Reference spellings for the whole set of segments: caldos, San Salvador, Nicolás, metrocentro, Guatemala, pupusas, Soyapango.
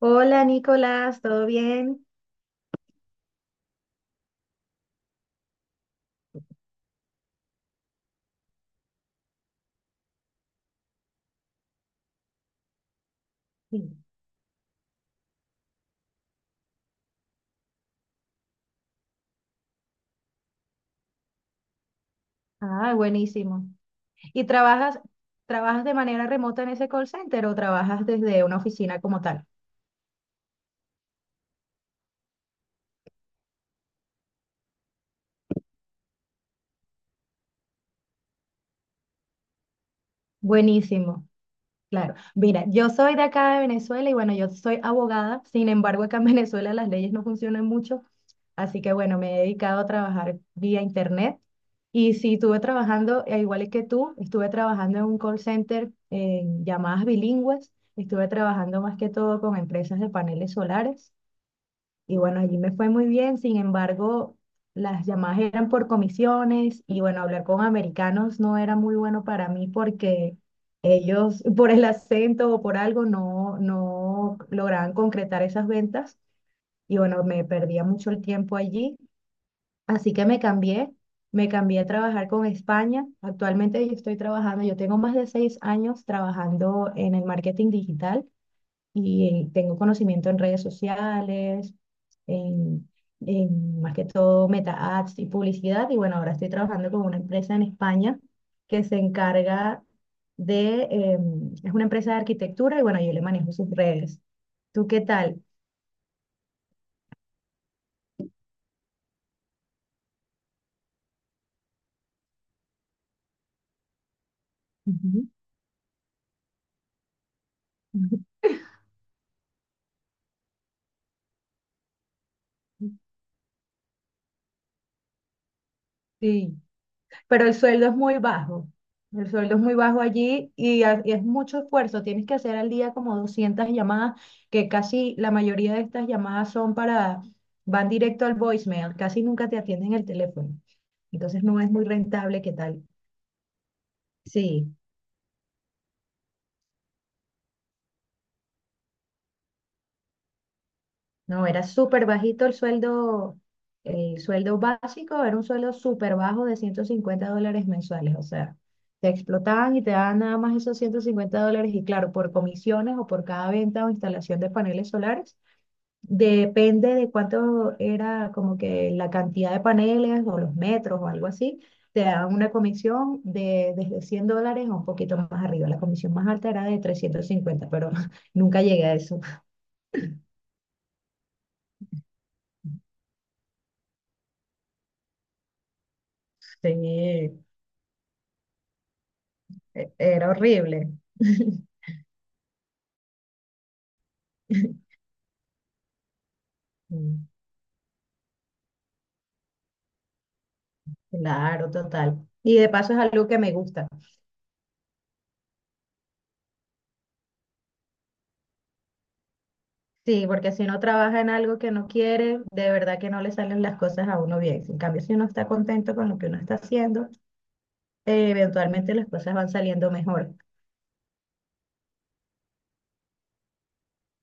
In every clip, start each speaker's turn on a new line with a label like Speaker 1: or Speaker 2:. Speaker 1: Hola Nicolás, ¿todo bien? Sí. Ah, buenísimo. ¿Y trabajas de manera remota en ese call center o trabajas desde una oficina como tal? Buenísimo, claro. Mira, yo soy de acá de Venezuela y bueno, yo soy abogada, sin embargo, acá en Venezuela las leyes no funcionan mucho, así que bueno, me he dedicado a trabajar vía internet y sí, estuve trabajando, igual que tú, estuve trabajando en un call center en llamadas bilingües, estuve trabajando más que todo con empresas de paneles solares. Y bueno, allí me fue muy bien, sin embargo, las llamadas eran por comisiones y bueno, hablar con americanos no era muy bueno para mí porque ellos por el acento o por algo no, no lograban concretar esas ventas y bueno, me perdía mucho el tiempo allí, así que me cambié a trabajar con España. Actualmente yo estoy trabajando, yo tengo más de 6 años trabajando en el marketing digital y tengo conocimiento en redes sociales, en, en más que todo meta ads y publicidad. Y bueno, ahora estoy trabajando con una empresa en España que se encarga de, eh, es una empresa de arquitectura y bueno, yo le manejo sus redes. ¿Tú qué tal? Ujú. Sí, pero el sueldo es muy bajo. El sueldo es muy bajo allí y es mucho esfuerzo. Tienes que hacer al día como 200 llamadas, que casi la mayoría de estas llamadas van directo al voicemail, casi nunca te atienden el teléfono. Entonces no es muy rentable. ¿Qué tal? Sí. No, era súper bajito el sueldo básico, era un sueldo súper bajo de $150 mensuales, o sea, te explotaban y te daban nada más esos $150 y claro, por comisiones o por cada venta o instalación de paneles solares, depende de cuánto era como que la cantidad de paneles o los metros o algo así, te daban una comisión de desde $100 a un poquito más arriba, la comisión más alta era de 350, pero nunca llegué a eso. Sí. Era horrible. Mm. Claro, total. Y de paso es algo que me gusta. Sí, porque si uno trabaja en algo que no quiere, de verdad que no le salen las cosas a uno bien. En cambio, si uno está contento con lo que uno está haciendo, eventualmente las cosas van saliendo mejor.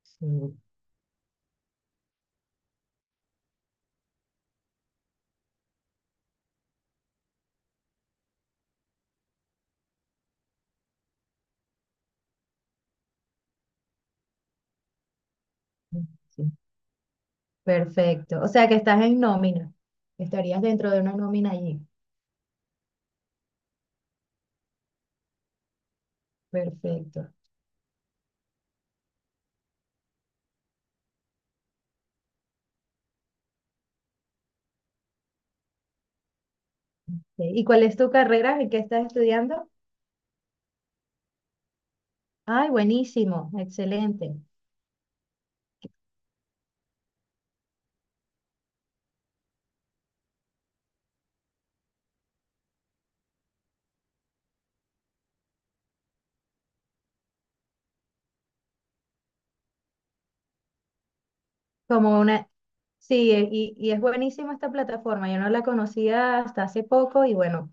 Speaker 1: Sí, sí. Perfecto. O sea que estás en nómina. Estarías dentro de una nómina allí. Perfecto. Sí. ¿Y cuál es tu carrera? ¿En qué estás estudiando? Ay, buenísimo. Excelente. Como una... Sí, y es buenísima esta plataforma. Yo no la conocía hasta hace poco y bueno,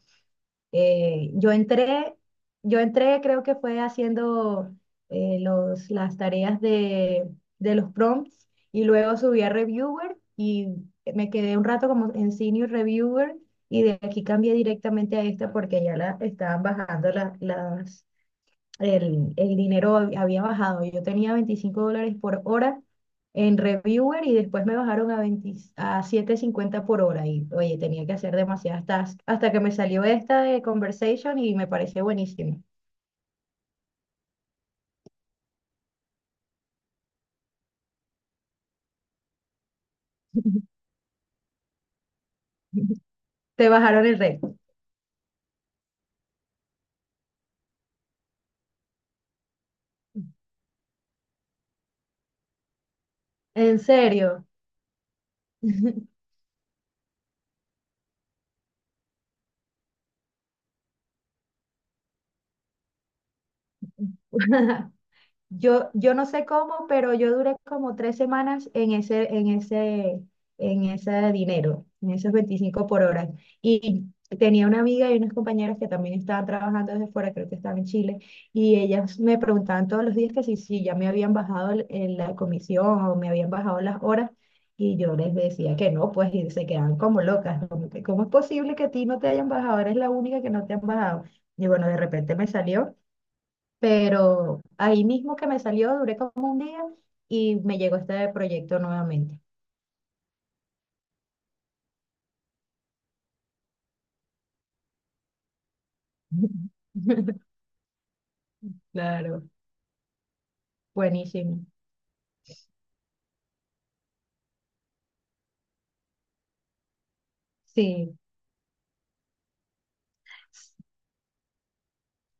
Speaker 1: eh, yo entré, yo entré creo que fue haciendo las tareas de los prompts y luego subí a reviewer y me quedé un rato como en senior reviewer y de aquí cambié directamente a esta porque ya la estaban bajando la- las el dinero había bajado. Yo tenía $25 por hora en Reviewer y después me bajaron a 20 a siete cincuenta por hora. Y oye, tenía que hacer demasiadas tasks hasta que me salió esta de Conversation y me pareció buenísimo. Te bajaron el reto. En serio. Yo no sé cómo, pero yo duré como 3 semanas en en ese dinero, en esos 25 por hora. Y tenía una amiga y unas compañeras que también estaban trabajando desde fuera, creo que estaban en Chile, y ellas me preguntaban todos los días que si, si ya me habían bajado la comisión o me habían bajado las horas, y yo les decía que no, pues y se quedaban como locas, como que, ¿cómo es posible que a ti no te hayan bajado? Eres la única que no te han bajado. Y bueno, de repente me salió, pero ahí mismo que me salió, duré como un día y me llegó este proyecto nuevamente. Claro, buenísimo. Sí, S-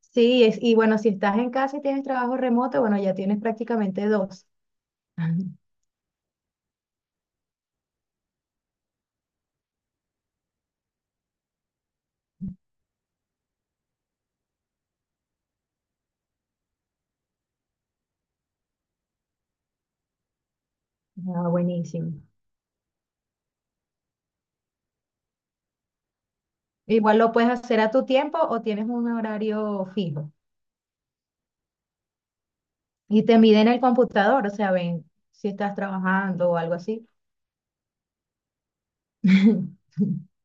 Speaker 1: sí, y bueno, si estás en casa y tienes trabajo remoto, bueno, ya tienes prácticamente dos. Ah, buenísimo. Igual lo puedes hacer a tu tiempo o tienes un horario fijo. Y te miden el computador, o sea, ven si estás trabajando o algo así.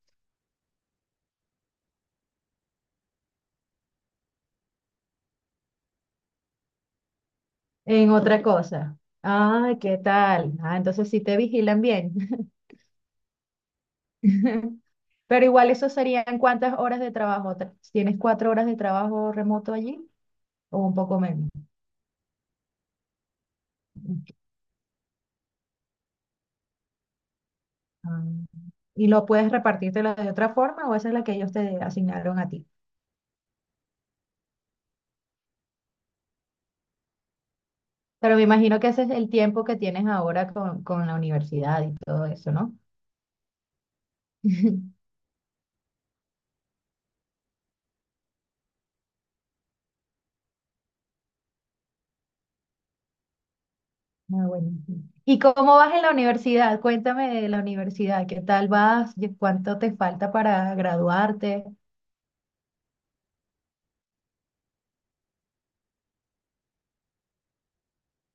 Speaker 1: En otra cosa. Ay, ¿qué tal? Ah, entonces sí te vigilan bien. Pero igual eso serían cuántas horas de trabajo. ¿Tienes 4 horas de trabajo remoto allí? ¿O un poco menos? Ok. Ah, ¿y lo puedes repartírtelo de otra forma o esa es la que ellos te asignaron a ti? Pero me imagino que ese es el tiempo que tienes ahora con la universidad y todo eso, ¿no? Ah, buenísimo. ¿Y cómo vas en la universidad? Cuéntame de la universidad, ¿qué tal vas? ¿Y ¿Cuánto te falta para graduarte?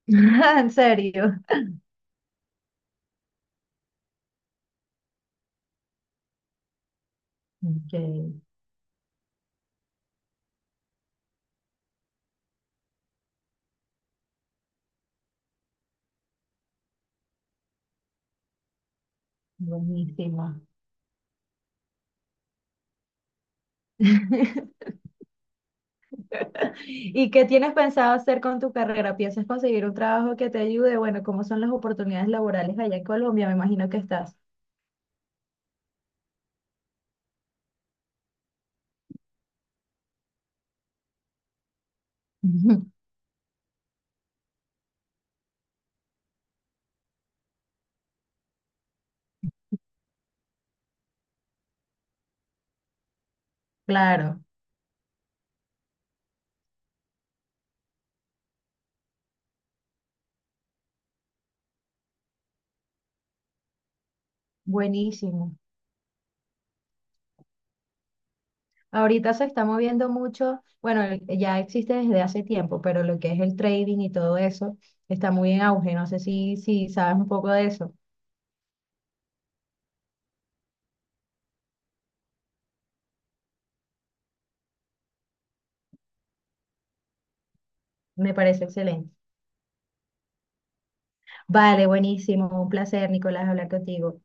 Speaker 1: ¿En serio? Ok, buenísimo. ¿Y qué tienes pensado hacer con tu carrera? ¿Piensas conseguir un trabajo que te ayude? Bueno, ¿cómo son las oportunidades laborales allá en Colombia? Me imagino que estás. Claro, buenísimo. Ahorita se está moviendo mucho, bueno, ya existe desde hace tiempo, pero lo que es el trading y todo eso está muy en auge. No sé si, si sabes un poco de eso. Me parece excelente. Vale, buenísimo. Un placer, Nicolás, hablar contigo.